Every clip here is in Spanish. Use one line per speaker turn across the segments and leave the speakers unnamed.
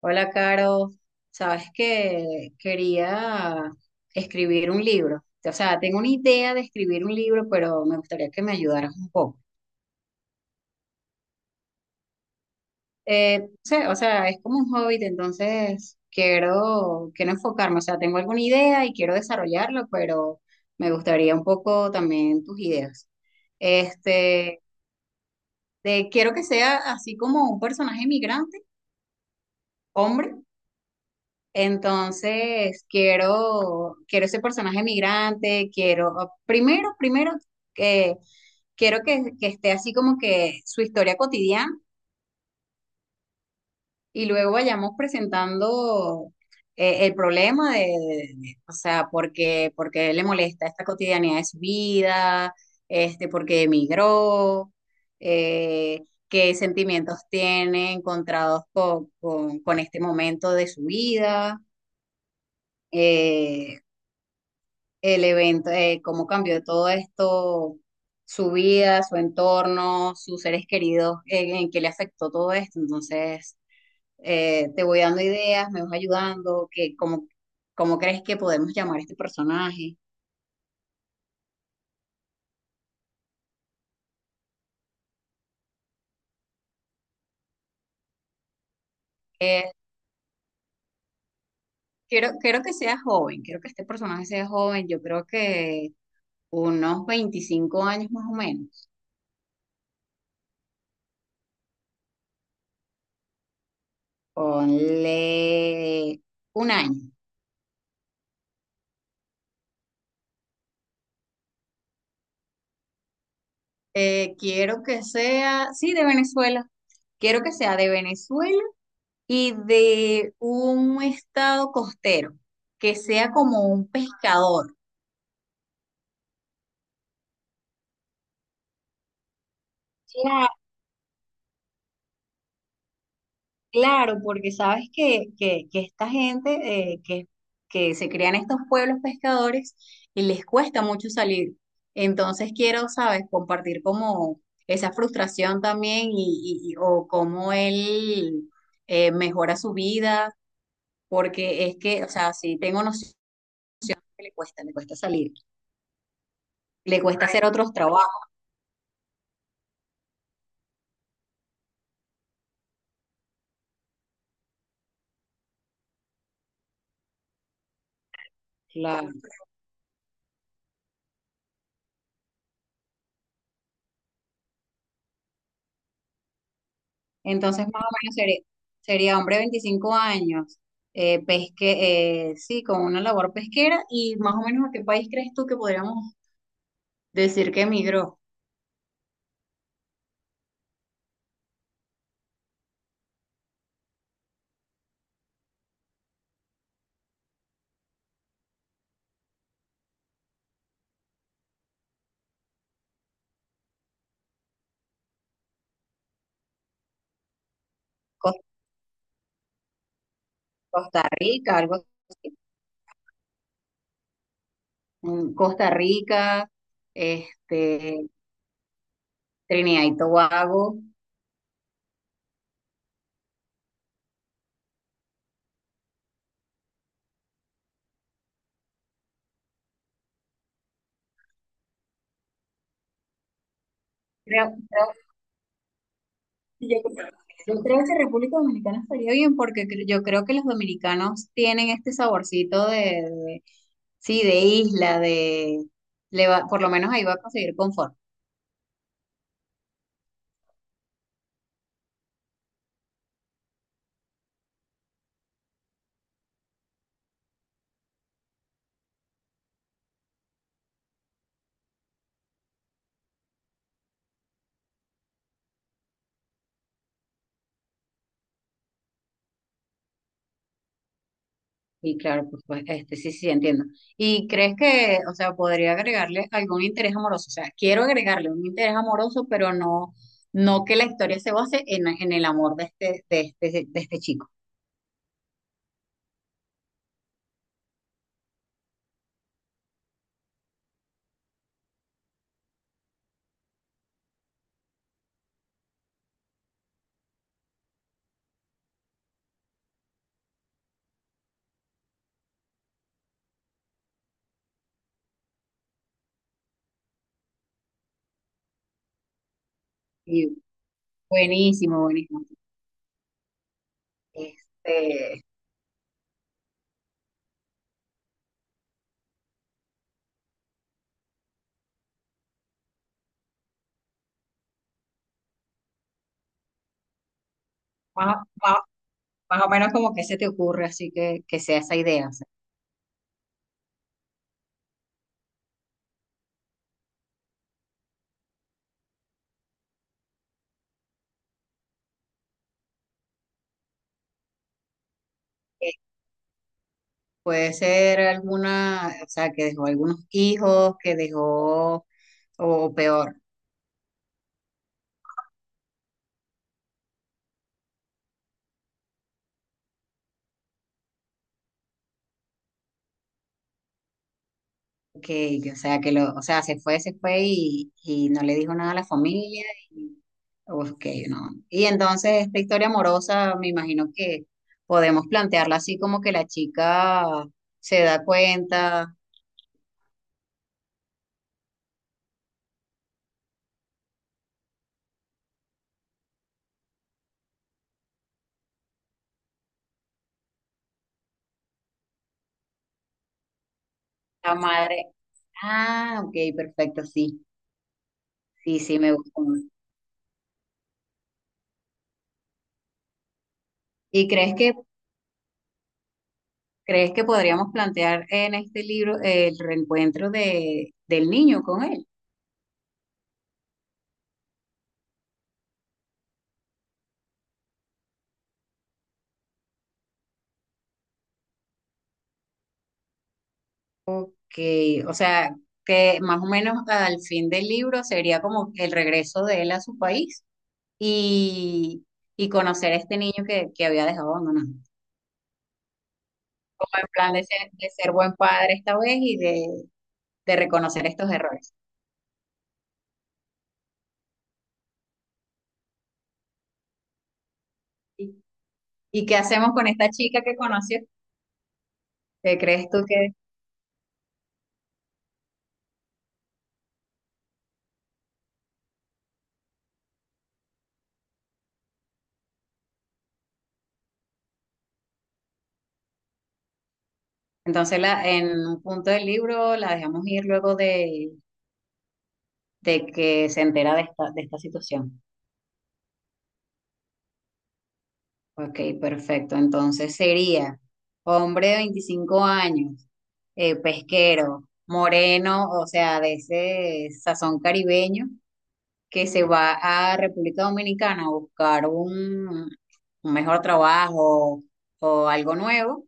Hola, Caro. Sabes que quería escribir un libro. O sea, tengo una idea de escribir un libro, pero me gustaría que me ayudaras un poco. Es como un hobby, entonces quiero enfocarme. O sea, tengo alguna idea y quiero desarrollarlo, pero me gustaría un poco también tus ideas. Este, Quiero que sea así como un personaje migrante, hombre. Entonces, quiero ese personaje migrante, quiero, primero, que quiero que esté así como que su historia cotidiana, y luego vayamos presentando el problema o sea, por qué le molesta esta cotidianidad de su vida, este, por qué emigró, eh, qué sentimientos tiene encontrados con este momento de su vida. Eh, el evento, cómo cambió todo esto, su vida, su entorno, sus seres queridos, en qué le afectó todo esto. Entonces, te voy dando ideas, me vas ayudando, cómo, cómo crees que podemos llamar a este personaje. Eh, Quiero que sea joven, quiero que este personaje sea joven, yo creo que unos 25 años más o menos, ponle un año. Quiero que sea, sí, de Venezuela. Quiero que sea de Venezuela y de un estado costero, que sea como un pescador. Cla- Claro, porque sabes que esta gente que se crean estos pueblos pescadores y les cuesta mucho salir. Entonces quiero, sabes, compartir como esa frustración también o cómo él mejora su vida porque es que, o sea, si tengo noción que le cuesta salir, le cuesta hacer otros trabajos. Claro. Entonces, más o menos sería, sería hombre de 25 años, sí, con una labor pesquera, y más o menos ¿a qué país crees tú que podríamos decir que emigró? Cos- Costa Rica, algo así. Mm, Costa Rica, este, Trinidad y Tobago. Creo, creo, Yo creo, yo creo que República Dominicana estaría bien porque yo creo que los dominicanos tienen este saborcito de- sí, de isla, de, por lo menos ahí va a conseguir confort. Y claro, pues, pues, este, sí, sí, entiendo. ¿Y crees que, o sea, podría agregarle algún interés amoroso? O sea, quiero agregarle un interés amoroso, pero no, no que la historia se base en el amor de de este chico. Y buenísimo. Este, más o menos como que se te ocurre, así que sea esa idea. O sea, que puede ser alguna, o sea, que dejó algunos hijos, que dejó, o peor, o sea, o sea, se fue y no le dijo nada a la familia. Y ok, no. Y entonces esta historia amorosa, me imagino que podemos plantearla así como que la chica se da cuenta, la madre, ah, ok, perfecto, sí, sí, sí, me gusta. ¿Y crees que ¿Crees que podríamos plantear en este libro el reencuentro de, del niño con él? Que, o sea, que más o menos al fin del libro sería como el regreso de él a su país y, y conocer a este niño que había dejado abandonado. Como en plan de ser buen padre esta vez y de reconocer estos errores. ¿Y, y qué hacemos con esta chica que conoció? ¿Qué crees tú que... Entonces la, en un punto del libro la dejamos ir luego de que se entera de esta situación. Ok, perfecto. Entonces sería hombre de 25 años, pesquero, moreno, o sea, de ese sazón caribeño, que se va a República Dominicana a buscar un mejor trabajo o algo nuevo,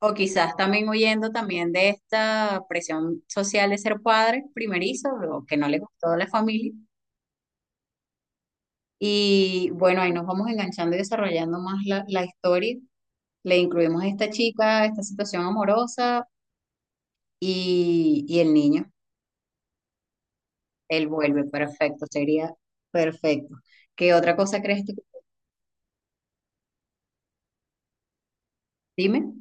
o quizás también huyendo también de esta presión social de ser padre primerizo, o que no le gustó la familia. Y bueno, ahí nos vamos enganchando y desarrollando más la, la historia. Le incluimos a esta chica, esta situación amorosa y el niño. Él vuelve, perfecto, sería perfecto. ¿Qué otra cosa crees tú? Dime,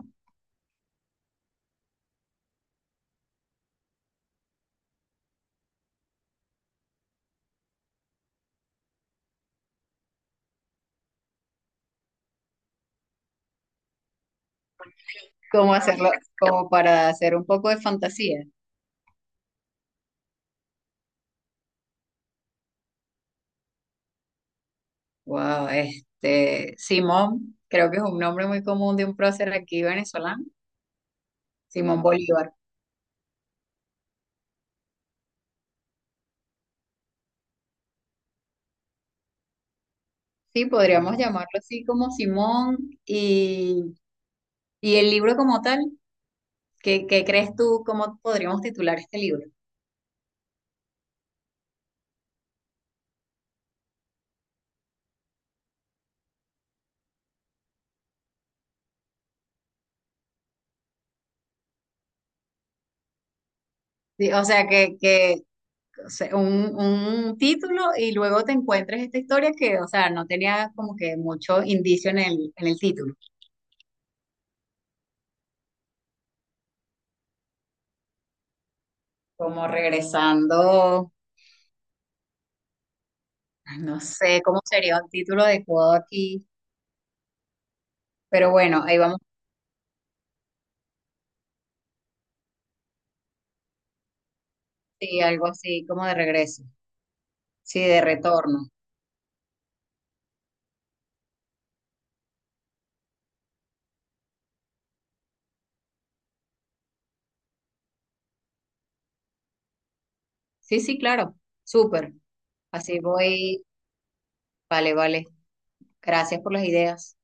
¿cómo hacerlo? Como para hacer un poco de fantasía. Wow, este, Simón, creo que es un nombre muy común de un prócer aquí venezolano, Simón Bolívar. Sí, podríamos llamarlo así como Simón, y, y el libro como tal. ¿Qué, qué crees tú, cómo podríamos titular este libro? Sí, o sea, que o sea, un título y luego te encuentres esta historia que, o sea, no tenía como que mucho indicio en el título. Como regresando, ay, no sé cómo sería un título adecuado aquí, pero bueno, ahí vamos, sí, algo así como de regreso, sí, de retorno. Sí, sí, claro, súper. Así voy, vale, vale. Gracias por las ideas.